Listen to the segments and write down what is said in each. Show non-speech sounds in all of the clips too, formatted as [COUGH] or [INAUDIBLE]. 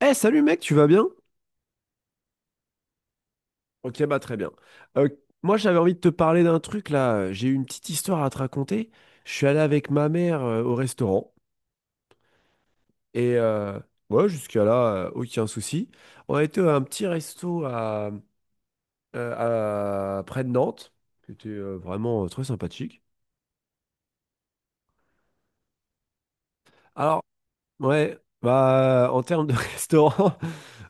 Eh, salut mec, tu vas bien? Ok, bah très bien. Euh, Moi j'avais envie de te parler d'un truc là. J'ai eu une petite histoire à te raconter. Je suis allé avec ma mère au restaurant, et ouais, jusqu'à là, aucun souci. On a été à un petit resto à, près de Nantes, qui était vraiment très sympathique. Alors, ouais, bah, en termes de [LAUGHS] restaurant,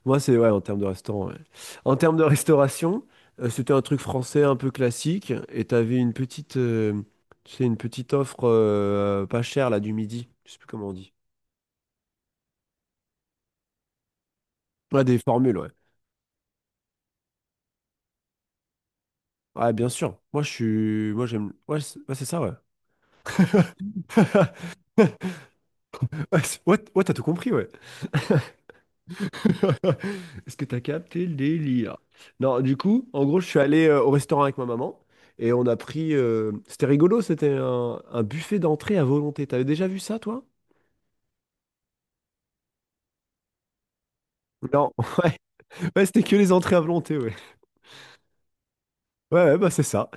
moi c'est ouais, en termes de restaurant. Ouais. En termes de restauration, c'était un truc français un peu classique, et t'avais une petite, tu sais, une petite offre pas chère là du midi. Je sais plus comment on dit. Ouais, des formules, ouais. Ouais, bien sûr. Moi j'aime, ouais, c'est ça, ouais. [LAUGHS] Ouais, ouais, ouais, t'as tout compris, ouais. [LAUGHS] Est-ce que t'as capté le délire? Non, du coup, en gros, je suis allé au restaurant avec ma maman et on a pris. C'était rigolo, c'était un buffet d'entrée à volonté. T'avais déjà vu ça, toi? Non. [LAUGHS] Ouais, ouais, c'était que les entrées à volonté, ouais. Ouais, ouais, bah c'est ça.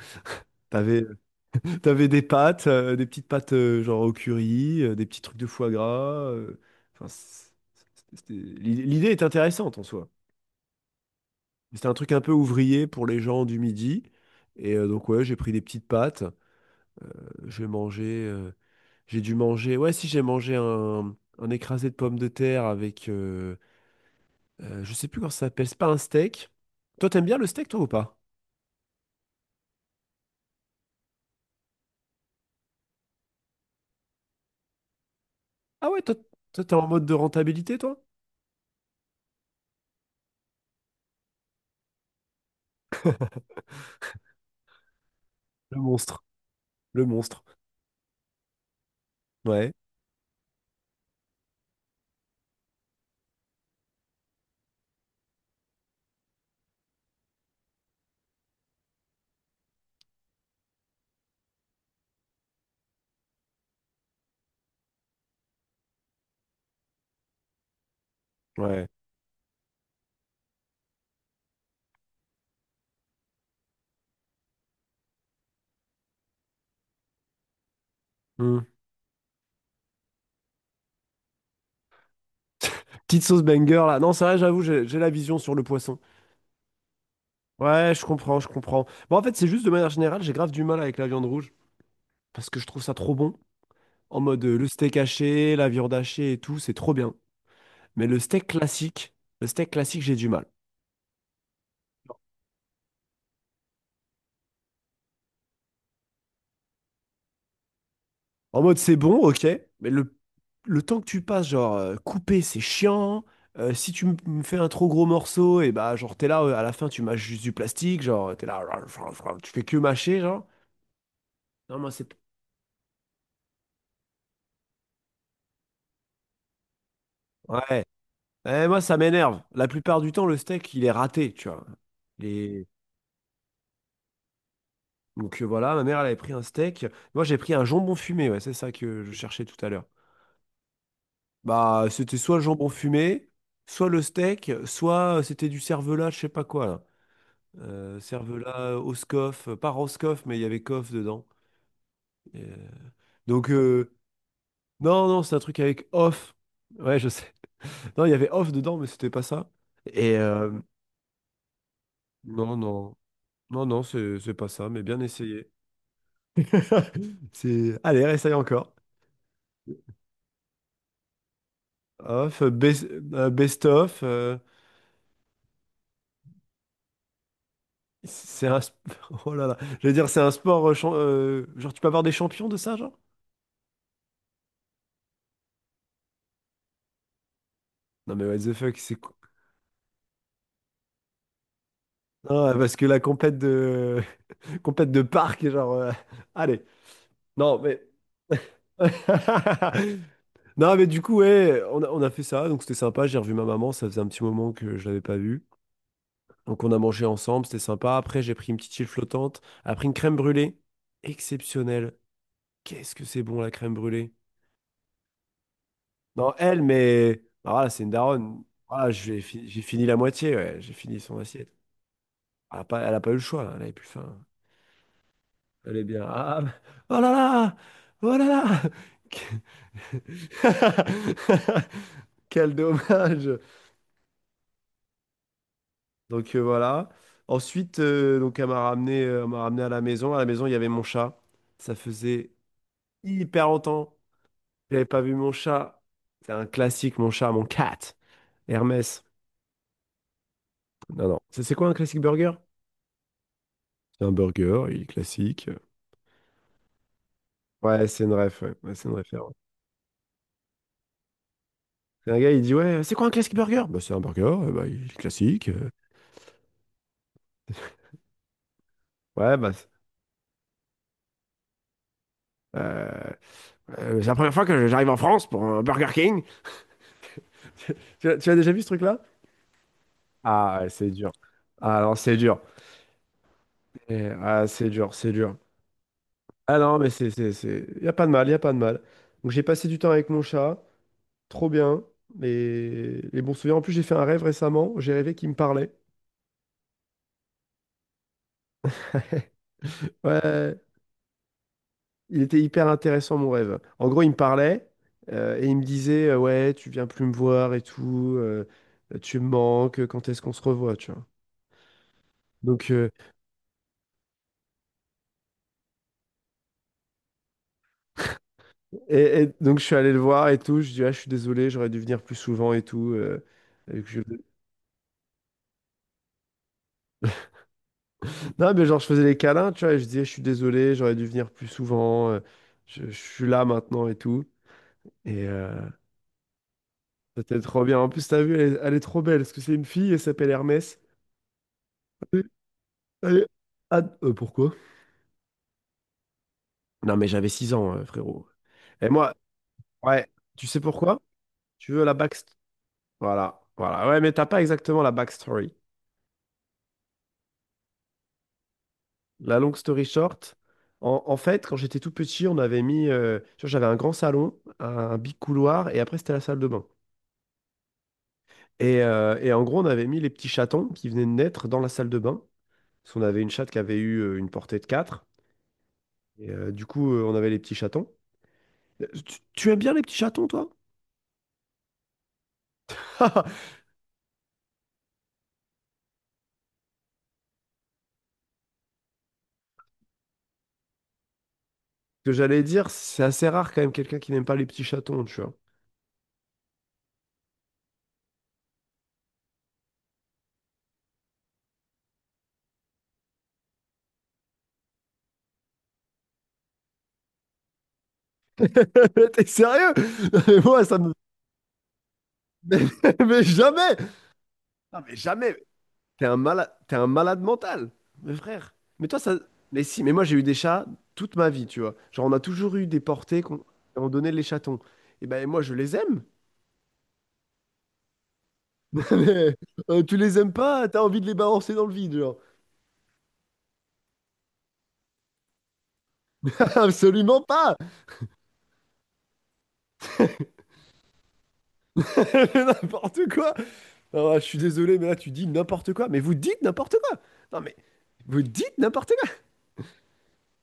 T'avais, T'avais des pâtes, des petites pâtes genre au curry, des petits trucs de foie gras. euh, enfin, l'idée est intéressante en soi. C'était un truc un peu ouvrier pour les gens du midi. Et donc, ouais, j'ai pris des petites pâtes. J'ai mangé, euh, j'ai dû manger. Ouais, si j'ai mangé un écrasé de pommes de terre avec, je sais plus comment ça s'appelle, c'est pas un steak. Toi, t'aimes bien le steak, toi ou pas? Ah ouais, toi, t'es en mode de rentabilité, toi? [LAUGHS] Le monstre, le monstre. Ouais, ouais. Hmm. Petite sauce banger là. Non, c'est vrai, j'avoue, j'ai la vision sur le poisson. Ouais, je comprends, je comprends. Bon, en fait, c'est juste de manière générale, j'ai grave du mal avec la viande rouge, parce que je trouve ça trop bon. En mode le steak haché, la viande hachée et tout, c'est trop bien. Mais le steak classique, j'ai du mal. En mode, c'est bon, ok, mais le temps que tu passes, genre, couper, c'est chiant. Si tu me fais un trop gros morceau, et bah, genre, t'es là, à la fin, tu mâches juste du plastique, genre, t'es là, tu fais que mâcher, genre. Non, moi, c'est. Ouais. Eh, moi, ça m'énerve. La plupart du temps, le steak, il est raté, tu vois. Les... Donc, voilà, ma mère, elle avait pris un steak. Moi, j'ai pris un jambon fumé, ouais, c'est ça que je cherchais tout à l'heure. Bah, c'était soit le jambon fumé, soit le steak, soit c'était du cervelas, je sais pas quoi, là. Cervelas Oscoff, pas Roscoff, mais il y avait coff dedans. Et donc, non, non, c'est un truc avec off. Ouais, je sais. [LAUGHS] Non, il y avait off dedans, mais c'était pas ça. Et euh, non, non, non, non, c'est pas ça, mais bien essayé. [LAUGHS] C'est... Allez, réessaye encore. Off, best, Best of. C'est un... sp- [LAUGHS] Oh là là. J'allais dire, c'est un sport... Genre, tu peux avoir des champions de ça, genre? Non, mais what the fuck, c'est... quoi. Non, parce que la compète de... [LAUGHS] Compète de parc, genre... [LAUGHS] Allez. Non, mais... [LAUGHS] Non, mais du coup, ouais, on a fait ça, donc c'était sympa. J'ai revu ma maman, ça faisait un petit moment que je l'avais pas vue. Donc on a mangé ensemble, c'était sympa. Après, j'ai pris une petite île flottante, après une crème brûlée. Exceptionnelle. Qu'est-ce que c'est bon la crème brûlée? Non, elle, mais ah, voilà, c'est une daronne. Voilà, j'ai fini la moitié, ouais. J'ai fini son assiette. Elle a pas eu le choix, elle avait plus faim. Elle est bien. Ah, bah, oh là là! Oh là là! [LAUGHS] Quel dommage! Donc voilà. Ensuite, donc elle m'a ramené à la maison. À la maison, il y avait mon chat. Ça faisait hyper longtemps que j'avais pas vu mon chat. C'est un classique, mon chat, mon cat. Hermès. Non, non. C'est quoi un classique burger? C'est un burger, il est classique. Ouais, c'est une ref, ouais. Ouais, c'est une ref. Ouais. C'est un gars, il dit, ouais, c'est quoi un classique burger? Bah, c'est un burger, bah, il est classique. Ouais, bah, euh, c'est la première fois que j'arrive en France pour un Burger King. Tu as déjà vu ce truc-là? Ah, ouais, c'est dur. Ah non, c'est dur. Eh, ah, c'est dur, c'est dur. Ah non, mais c'est... Y a pas de mal, y a pas de mal. Donc j'ai passé du temps avec mon chat, trop bien. Les bons souvenirs. En plus, j'ai fait un rêve récemment. J'ai rêvé qu'il me parlait. [LAUGHS] Ouais. Il était hyper intéressant, mon rêve. En gros, il me parlait et il me disait, ouais, tu viens plus me voir et tout, tu me manques, quand est-ce qu'on se revoit, tu vois. Donc, et donc, je suis allé le voir et tout. Je dis, ah, je suis désolé, j'aurais dû venir plus souvent et tout. Et que je- [LAUGHS] Non, mais genre, je faisais les câlins, tu vois, et je disais, je suis désolé, j'aurais dû venir plus souvent, je suis là maintenant et tout. Et c'était trop bien. En plus, t'as vu, elle est trop belle, parce que c'est une fille, elle s'appelle Hermès. Elle est- elle Pourquoi? Non, mais j'avais 6 ans, frérot. Et moi, ouais, tu sais pourquoi? Tu veux la backstory. Voilà, voilà. Ouais, mais t'as pas exactement la backstory. La long story short, en fait, quand j'étais tout petit, on avait mis. Tu vois, j'avais un grand salon, un big couloir, et après, c'était la salle de bain. Et en gros, on avait mis les petits chatons qui venaient de naître dans la salle de bain. Parce qu'on avait une chatte qui avait eu une portée de 4. Et du coup, on avait les petits chatons. Tu aimes bien les petits chatons, toi? [LAUGHS] Ce que j'allais dire, c'est assez rare quand même quelqu'un qui n'aime pas les petits chatons, tu vois. [LAUGHS] T'es sérieux? Non, mais moi, ça me. [LAUGHS] Mais, mais jamais! Non, mais jamais! T'es un malade mental, mes frères. Mais toi, ça. Mais si, mais moi, j'ai eu des chats toute ma vie, tu vois. Genre, on a toujours eu des portées qu'on on donnait les chatons. Et ben, moi, je les aime. [LAUGHS] Mais tu les aimes pas, t'as envie de les balancer dans le vide, genre. [LAUGHS] Absolument pas! [LAUGHS] Mais n'importe quoi! Non, je suis désolé, mais là, tu dis n'importe quoi. Mais vous dites n'importe quoi! Non, mais vous dites n'importe quoi!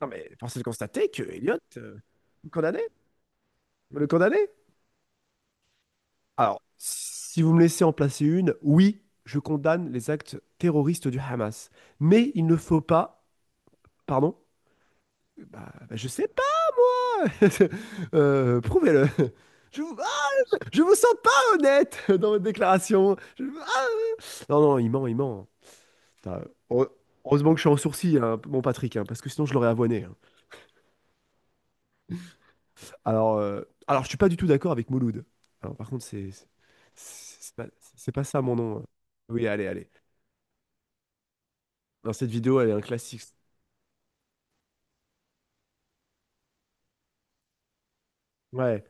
Non, mais force est de constater que Elliot, condamné. Le condamner? Alors, si vous me laissez en placer une, oui, je condamne les actes terroristes du Hamas. Mais il ne faut pas... Pardon? Bah, je sais pas. [LAUGHS] Prouvez-le. Je vous... ah, je vous sens pas honnête [LAUGHS] dans votre déclaration. Non, non, il ment, il ment. Putain, heure- heureusement que je suis en sourcil, hein, mon Patrick, hein, parce que sinon je l'aurais avoiné. Hein. Alors, je suis pas du tout d'accord avec Mouloud. Alors, par contre, c'est pas, c'est pas ça mon nom. Hein. Oui, allez, allez. Dans cette vidéo, elle est un classique. Ouais.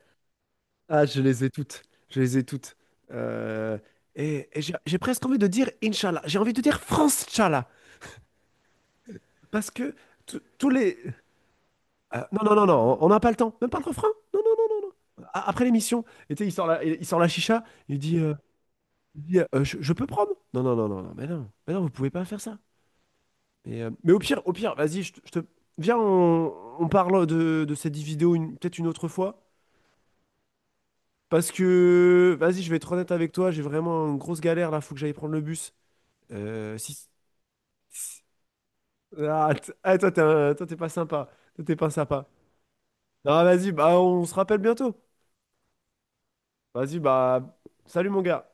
Ah, je les ai toutes. Je les ai toutes. Euh, et j'ai presque envie de dire Inch'Allah. J'ai envie de dire France Inch'Allah. Parce que tous les. Ah, non, non, non, non, on n'a pas le temps. Même pas le refrain. Non, non, non. Non. Après l'émission, et tu sais, il sort il sort la chicha. Il dit, je peux prendre? Non, non, non, non, non, mais non. Mais non, vous pouvez pas faire ça. Mais au pire, vas-y, Viens, on parle de cette vidéo peut-être une autre fois. Parce que, vas-y, je vais être honnête avec toi, j'ai vraiment une grosse galère là, faut que j'aille prendre le bus. Euh, si... si- Ah, ah, toi, toi, t'es pas sympa. Toi, t'es pas sympa. Non, vas-y, bah, on se rappelle bientôt. Vas-y, bah, salut, mon gars.